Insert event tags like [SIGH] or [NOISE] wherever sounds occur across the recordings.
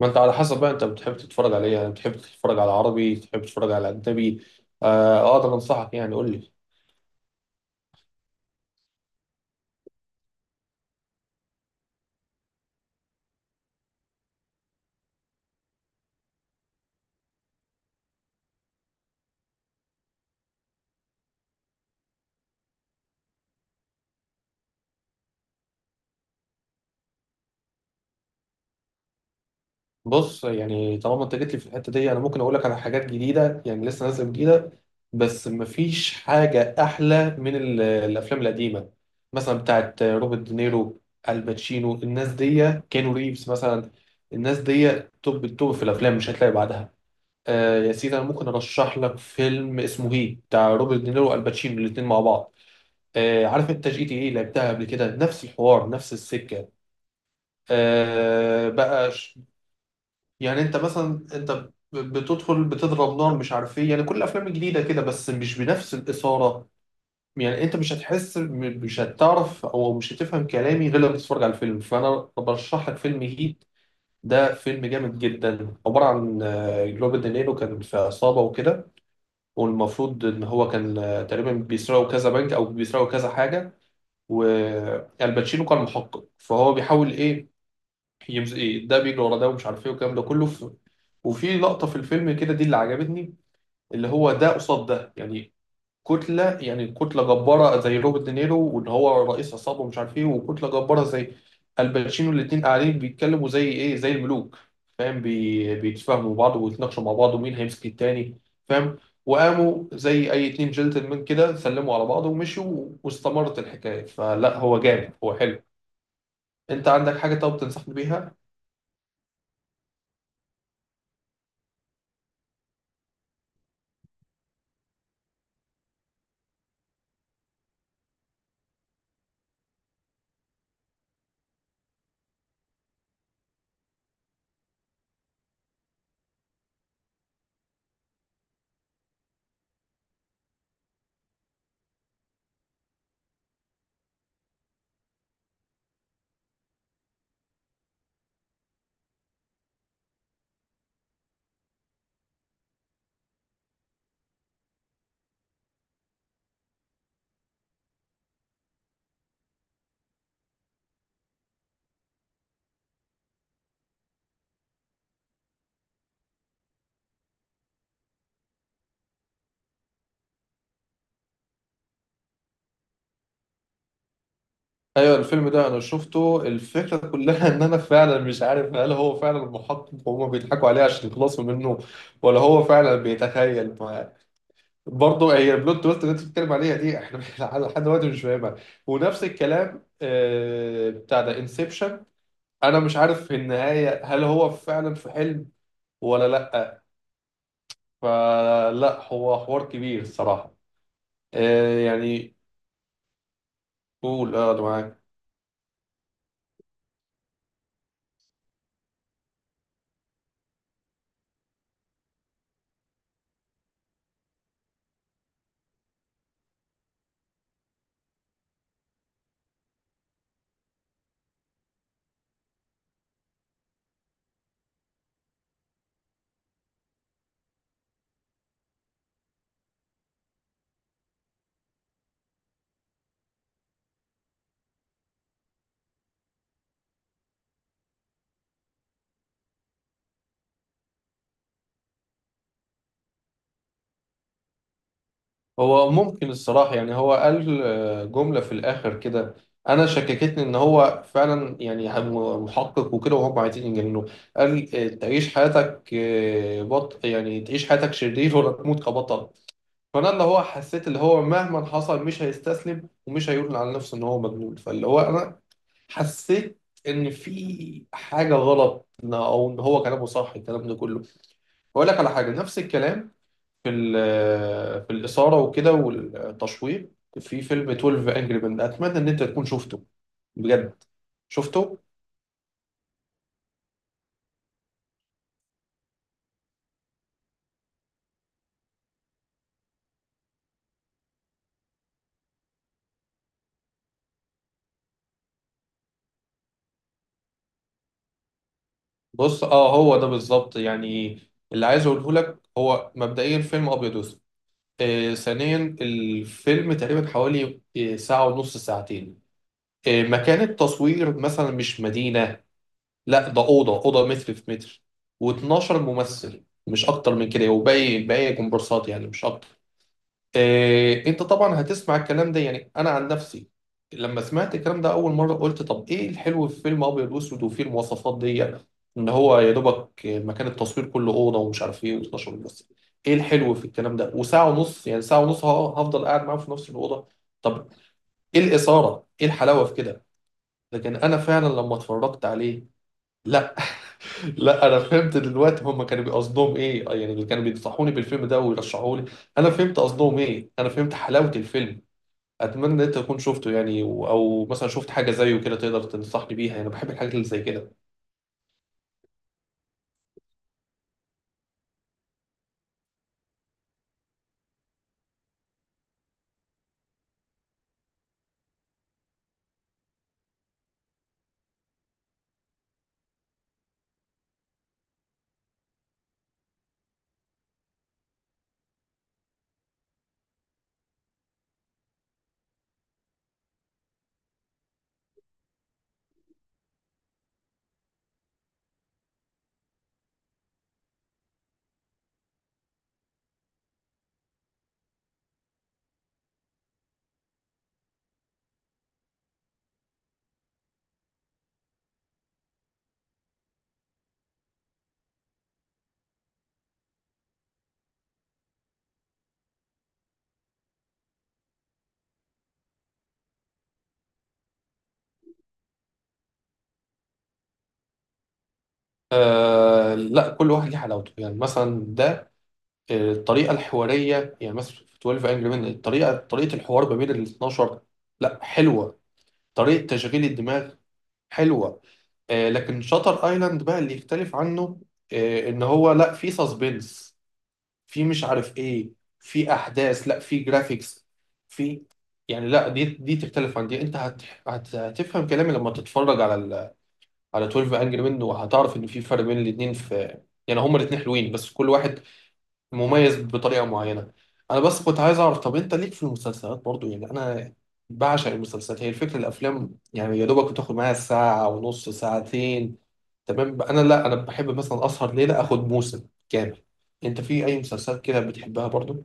ما انت على حسب بقى، انت بتحب تتفرج على ايه؟ يعني بتحب تتفرج على عربي، بتحب تتفرج على اجنبي؟ آه. آه، اقدر انصحك، يعني قول لي. بص، يعني طالما انت جيت لي في الحته دي، انا ممكن اقول لك على حاجات جديده، يعني لسه نازله جديده. بس مفيش حاجه احلى من الافلام القديمه، مثلا بتاعت روبرت دينيرو، الباتشينو، الناس دي، كانو ريفز مثلا. الناس دي توب التوب في الافلام، مش هتلاقي بعدها. آه يا سيدي، انا ممكن ارشح لك فيلم اسمه هي، بتاع روبرت دينيرو والباتشينو الاثنين مع بعض. آه، عارف انت جي تي ايه؟ لعبتها قبل كده، نفس الحوار نفس السكه. بقى يعني انت مثلا، انت بتدخل، بتضرب نار، مش عارف ايه، يعني كل الافلام الجديده كده، بس مش بنفس الاثاره. يعني انت مش هتحس م- مش هتعرف او مش هتفهم كلامي غير لما تتفرج على الفيلم. فانا برشح لك فيلم هيت. ده فيلم جامد جدا، عباره عن روبرت دينيرو كان في عصابه وكده. والمفروض ان هو كان تقريبا بيسرقوا كذا بنك او بيسرقوا كذا حاجه. والباتشينو كان محقق، فهو بيحاول ايه؟ ايه ده، بيجري ورا ده ومش عارف ايه والكلام ده كله وفي لقطة في الفيلم كده، دي اللي عجبتني، اللي هو ده قصاد ده، يعني كتلة، يعني كتلة جبارة زي روبرت دينيرو واللي هو رئيس عصابة ومش عارف ايه، وكتلة جبارة زي الباتشينو. الاتنين قاعدين بيتكلموا زي ايه؟ زي الملوك. فاهم؟ بيتفاهموا بعض ويتناقشوا مع بعض ومين هيمسك التاني. فاهم؟ وقاموا زي اي اتنين جنتلمان كده، سلموا على بعض ومشوا، واستمرت الحكاية. فلا، هو جامد، هو حلو. انت عندك حاجة طب تنصحني بيها؟ ايوه، الفيلم ده انا شفته. الفكره كلها [LAUGHS] ان انا فعلا مش عارف، هل هو فعلا محقق وهما بيضحكوا عليه عشان يخلصوا منه، ولا هو فعلا بيتخيل معاه؟ برضه هي البلوت تويست اللي انت بتتكلم عليها دي، احنا [LAUGHS] لحد دلوقتي مش فاهمها. ونفس الكلام بتاع ده انسبشن. انا مش عارف في النهايه هل هو فعلا في حلم ولا لا. فلا، هو حوار كبير الصراحه. يعني، قول اه، أنا معاك. هو ممكن الصراحة، يعني هو قال جملة في الآخر كده، أنا شككتني إن هو فعلا، يعني محقق وكده، وهم عايزين يجننوه. قال تعيش حياتك، يعني تعيش حياتك شرير ولا تموت كبطل. فأنا اللي هو حسيت، اللي هو مهما حصل مش هيستسلم ومش هيقول على نفسه إن هو مجنون. فاللي هو أنا حسيت إن في حاجة غلط، أو إن هو كلامه صح، الكلام ده كله. بقول لك على حاجة نفس الكلام، في الإثارة وكده والتشويق، في فيلم 12 انجري مان، أتمنى إن أنت تكون شفته بجد. شفته؟ بص، هو ده بالظبط. يعني اللي عايز اقوله لك، هو مبدئيا فيلم ابيض واسود. ثانيا، الفيلم تقريبا حوالي ساعة ونص، ساعتين. مكان التصوير مثلا مش مدينة، لا، ده أوضة، أوضة متر في متر. و12 ممثل مش أكتر من كده، وباقي كومبارسات يعني، مش أكتر. إيه؟ انت طبعا هتسمع الكلام ده، يعني انا عن نفسي لما سمعت الكلام ده اول مره، قلت طب ايه الحلو في فيلم ابيض واسود وفيه المواصفات دي؟ ان هو يا دوبك مكان التصوير كله اوضه ومش عارف ايه، و12 ممثل. ايه الحلو في الكلام ده؟ وساعه ونص، يعني ساعه ونص هفضل قاعد معاهم في نفس الاوضه. طب ايه الاثاره؟ ايه الحلاوه في كده؟ لكن انا فعلا لما اتفرجت عليه، لا، لا، انا فهمت دلوقتي هم كانوا بيقصدهم ايه، يعني اللي كانوا بينصحوني بالفيلم ده ويرشحوا لي. انا فهمت قصدهم ايه، انا فهمت حلاوه الفيلم. اتمنى ان انت تكون شفته، يعني او مثلا شفت حاجه زيه كده تقدر تنصحني بيها، يعني انا بحب الحاجات اللي زي كده. آه لا، كل واحد ليه حلاوته. يعني مثلا ده، الطريقه الحواريه، يعني مثلا في 12 انجري مان، الطريقه، طريقه الحوار ما بين ال 12، لا، حلوه. طريقه تشغيل الدماغ حلوه. لكن شاتر ايلاند بقى اللي يختلف عنه، ان هو لا، في سسبنس، في مش عارف ايه، في احداث، لا في جرافيكس، في، يعني لا، دي تختلف عن دي. انت هتفهم كلامي لما تتفرج على على 12 انجري مان، وهتعرف ان في فرق بين الاثنين، في يعني هما الاثنين حلوين، بس كل واحد مميز بطريقه معينه. انا بس كنت عايز اعرف، طب انت ليك في المسلسلات برضو؟ يعني انا بعشق المسلسلات. هي الفكره، الافلام يعني يا دوبك بتاخد معايا ساعه ونص، ساعتين، تمام. انا لا، انا بحب مثلا اسهر ليله، اخد موسم كامل. انت في اي مسلسلات كده بتحبها برضو؟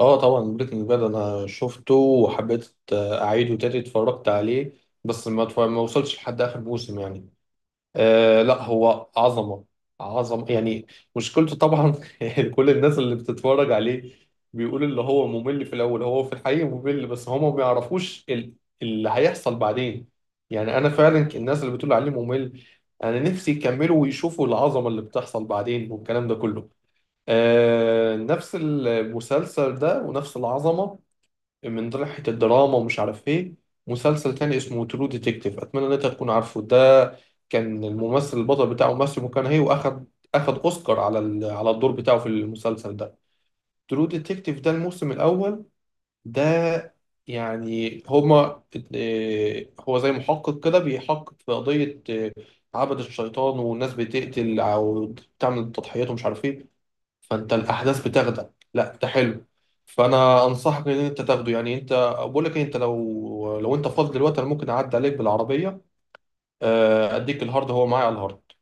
اه طبعا، بريكنج باد انا شفته وحبيت اعيده تاني، اتفرجت عليه. بس ما وصلتش لحد اخر موسم يعني. آه لا، هو عظمة، عظمة يعني. مشكلته طبعا [LAUGHS] كل الناس اللي بتتفرج عليه بيقول اللي هو ممل في الأول. هو في الحقيقة ممل، بس هما ما بيعرفوش اللي هيحصل بعدين. يعني أنا فعلا الناس اللي بتقول عليه ممل، أنا نفسي يكملوا ويشوفوا العظمة اللي بتحصل بعدين والكلام ده كله. آه، نفس المسلسل ده ونفس العظمة من ناحية الدراما ومش عارف ايه. مسلسل تاني اسمه ترو ديتكتيف، اتمنى ان انت تكون عارفه ده. كان الممثل البطل بتاعه ماسيو مكانهي، واخد اوسكار على على الدور بتاعه في المسلسل ده. ترو ديتكتيف ده الموسم الاول ده، يعني هما، هو زي محقق كده بيحقق في قضية، عبد الشيطان، والناس بتقتل او بتعمل تضحيات ومش عارف ايه. فانت الاحداث بتاخدك، لا ده حلو. فانا انصحك ان انت تاخده. يعني انت، بقول لك إيه، انت لو انت فاضي دلوقتي، انا ممكن اعدي عليك بالعربيه، آه، اديك الهارد. هو معايا على الهارد.